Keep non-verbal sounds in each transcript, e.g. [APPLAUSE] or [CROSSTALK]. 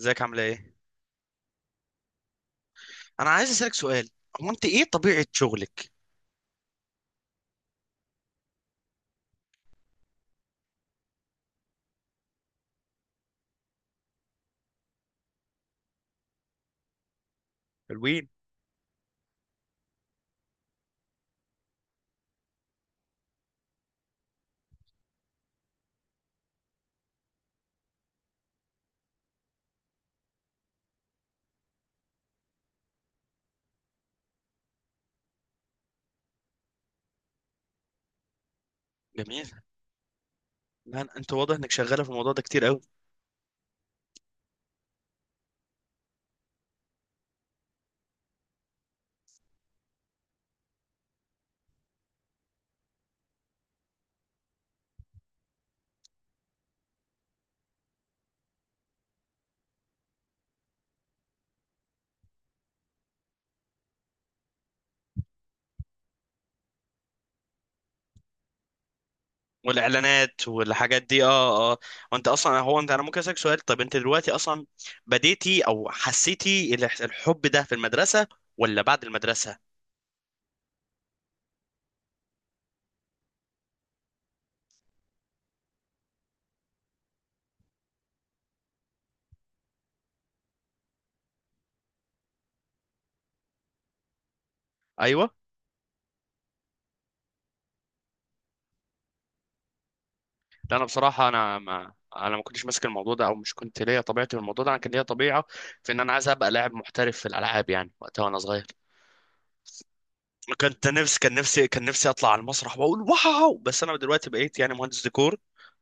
ازيك؟ عامله ايه؟ انا عايز اسالك سؤال. هو انت ايه طبيعه شغلك؟ حلوين. جميل. لا انت واضح انك شغاله في الموضوع ده كتير قوي. والاعلانات والحاجات دي، اه اه. وانت اصلا، هو انت، انا ممكن اسالك سؤال؟ طب انت دلوقتي اصلا بديتي او حسيتي الحب ده في المدرسه، ولا بعد المدرسه؟ ايوه. لا انا بصراحه، انا ما كنتش ماسك الموضوع ده، او مش كنت ليا طبيعتي في الموضوع ده. انا كان ليا طبيعه في ان انا عايز ابقى لاعب محترف في الالعاب، وقتها وانا صغير. كنت نفسي كان نفسي كان نفسي اطلع على المسرح واقول واو، بس انا دلوقتي بقيت مهندس ديكور.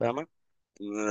فاهمة؟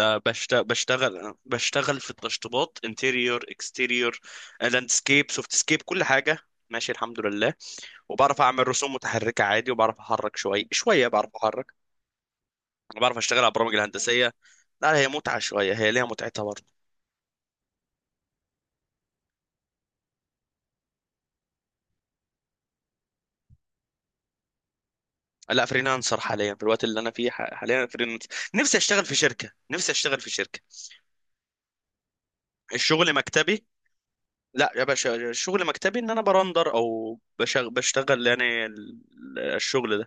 بشتغل في التشطيبات، انتيريور، اكستيريور، لاندسكيب، سوفت سكيب، كل حاجة. ماشي، الحمد لله. وبعرف اعمل رسوم متحركة عادي، وبعرف احرك شوية شوية، بعرف احرك. انا بعرف اشتغل على البرامج الهندسية. لا هي متعة شوية، هي ليها متعتها برضه. لا فريلانسر حاليا. في الوقت اللي انا فيه حاليا فريلانسر. نفسي اشتغل في شركة، نفسي اشتغل في شركة. الشغل مكتبي. لا يا باشا، شغل مكتبي، ان انا برندر او بشتغل الشغل ده.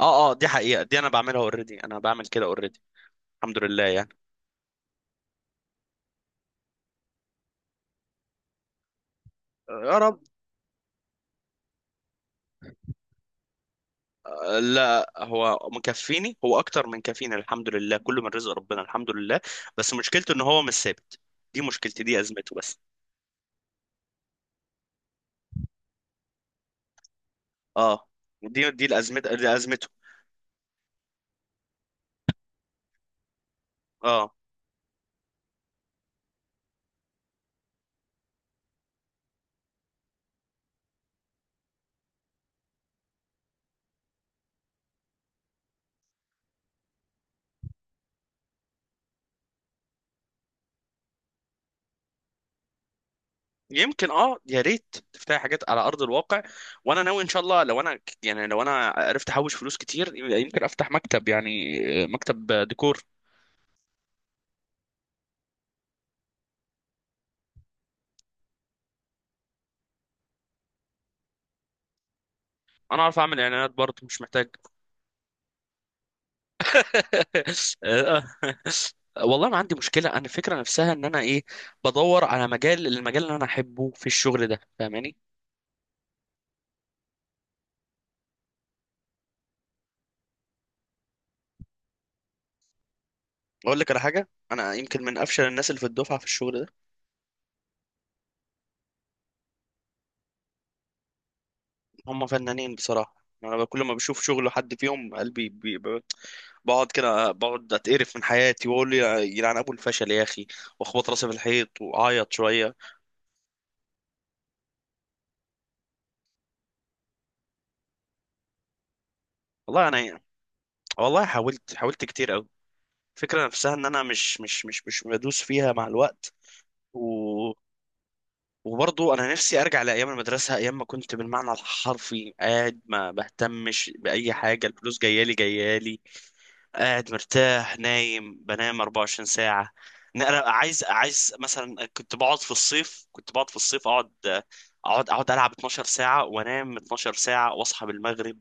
اه اه، دي حقيقة، دي انا بعملها اوريدي، انا بعمل كده اوريدي. الحمد لله يعني. يا رب. لا هو مكفيني، هو اكتر من كفيني، الحمد لله، كله من رزق ربنا، الحمد لله. بس مشكلته ان هو مش ثابت. مشكلتي دي، ازمته بس. اه، دي الازمه، دي ازمته. اه يمكن، اه يا ريت تفتحي حاجات على ارض الواقع. وانا ناوي ان شاء الله، لو يعني لو انا عرفت احوش فلوس كتير، يمكن افتح مكتب، مكتب ديكور. انا اعرف اعمل اعلانات برضه، مش محتاج. [LAUGHS] آه. والله ما عندي مشكله، انا الفكره نفسها ان انا ايه، بدور على المجال اللي انا احبه في الشغل ده. فاهماني؟ اقول لك على حاجه، انا يمكن من افشل الناس اللي في الدفعه في الشغل ده. هم فنانين بصراحة. أنا كل ما بشوف شغل حد فيهم، قلبي بقعد كده، بقعد أتقرف من حياتي وأقول يا يلعن أبو الفشل يا أخي، وأخبط راسي في الحيط وأعيط شوية. والله أنا، والله حاولت، حاولت كتير أوي. الفكرة نفسها إن أنا مش بدوس فيها مع الوقت. و... وبرضه أنا نفسي أرجع لأيام المدرسة، أيام ما كنت بالمعنى الحرفي قاعد ما بهتمش بأي حاجة، الفلوس جايالي، قاعد مرتاح، نايم، بنام 24 ساعة. نقرا، عايز، مثلا كنت بقعد في الصيف، كنت بقعد في الصيف اقعد العب 12 ساعة، وانام 12 ساعة، واصحى بالمغرب،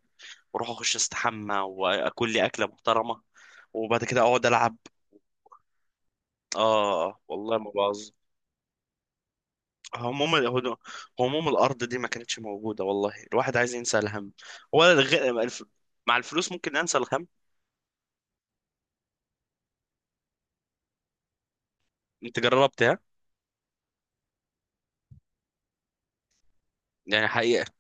واروح اخش استحمى، واكل لي اكلة محترمة، وبعد كده اقعد العب. اه والله ما باظ. هموم ال- هموم الارض دي ما كانتش موجودة. والله الواحد عايز ينسى الهم. هو الغ- الف- مع الفلوس ممكن انسى الهم. انت جربتها؟ يعني حقيقة؟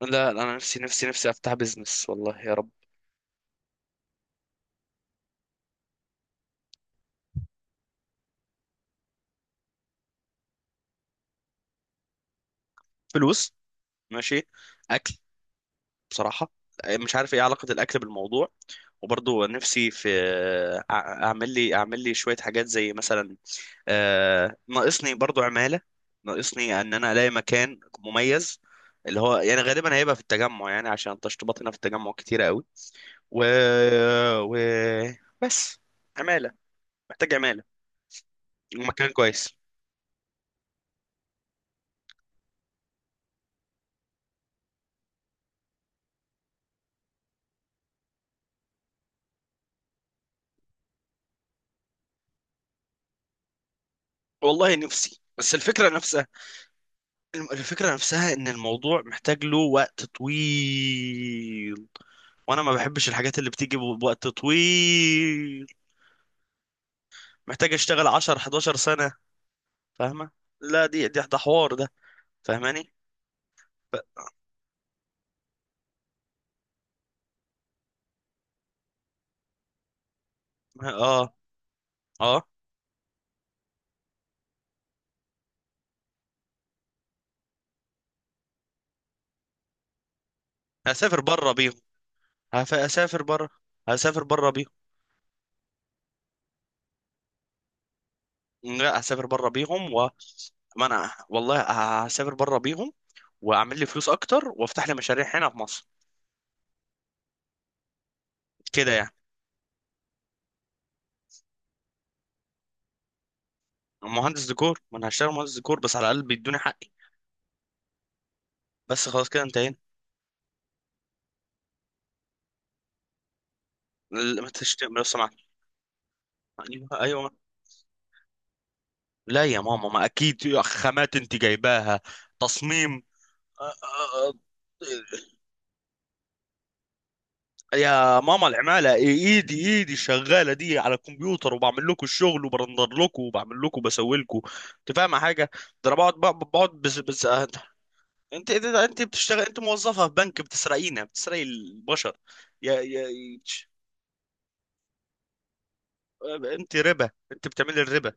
لا لا، انا نفسي نفسي افتح بيزنس، والله يا رب. فلوس، ماشي، اكل، بصراحه مش عارف ايه علاقه الاكل بالموضوع. وبرضه نفسي في اعمل لي، اعمل لي شويه حاجات زي مثلا، ناقصني برضه عماله، ناقصني ان انا الاقي مكان مميز، اللي هو يعني غالبا هيبقى في التجمع، يعني عشان تشطيبات هنا في التجمع كتيره قوي. و... و بس، عماله، محتاج عماله، ومكان كويس. والله نفسي، بس الفكرة نفسها، الفكرة نفسها ان الموضوع محتاج له وقت طويل، وانا ما بحبش الحاجات اللي بتيجي بوقت طويل. محتاج اشتغل 10 11 سنة. فاهمة؟ لا دي ده حوار ده. فاهماني؟ ف... اه اه، هسافر بره بيهم. هسافر بره، هسافر بره بيهم. لا هسافر بره بيهم، و ما انا والله هسافر بره بيهم، واعمل لي فلوس اكتر، وافتح لي مشاريع هنا في مصر، كده يعني. مهندس ديكور، ما انا هشتغل مهندس ديكور بس على الاقل بيدوني حقي. بس خلاص كده انتهينا. لما تشتغل صناعة. ايوه ايوه. لا يا ماما ما اكيد يا خامات انت جايباها، تصميم، أ- أ- أ- يا ماما العمالة، ايدي شغالة دي على الكمبيوتر، وبعمل لكم الشغل، وبرندر لكم، وبعمل لكم، وبسوي لكم. انت فاهمة حاجة؟ ده انا بقعد بقعد، بس انت، انت بتشتغل، انت موظفة في بنك، بتسرقينا، بتسرقي البشر. يا انت ربا، انت بتعملي الربا.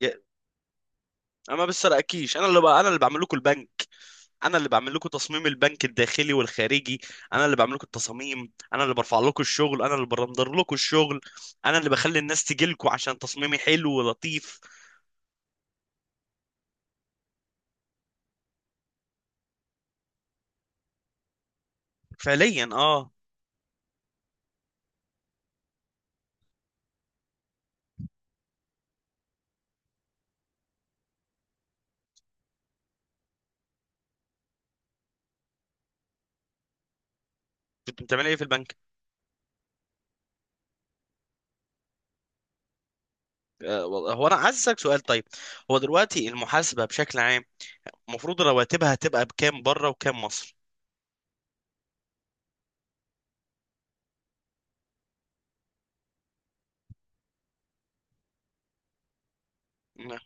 يا- انا ما بسرقكيش، انا انا اللي بعمل لكم البنك، انا اللي بعمل لكم تصميم البنك الداخلي والخارجي، انا اللي بعمل لكم التصاميم، انا اللي برفع لكم الشغل، انا اللي برندر لكم الشغل، انا اللي بخلي الناس تجي لكم عشان تصميمي حلو ولطيف. فعليا اه. كنت بتعمل ايه في البنك؟ آه والله، هو انا عايز اسالك سؤال طيب. هو دلوقتي المحاسبه بشكل عام، المفروض رواتبها هتبقى بكام بره وكام مصر؟ نعم.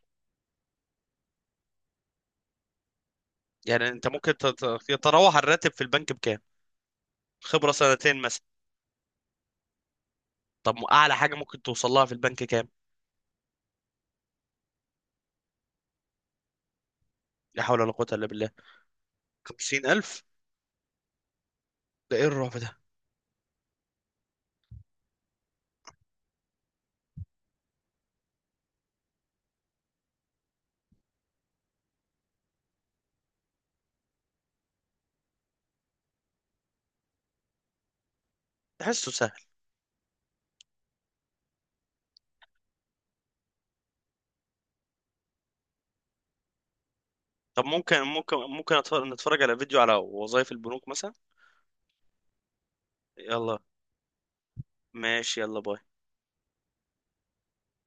يعني انت ممكن تتراوح الراتب في البنك بكام؟ خبره سنتين مثلا. طب اعلى حاجه ممكن توصل لها في البنك كام؟ لا حول ولا قوه الا بالله، 50,000؟ ده ايه الرعب ده؟ تحسه سهل. طب ممكن نتفرج على فيديو على وظائف البنوك مثلا؟ يلا. ماشي، يلا، باي.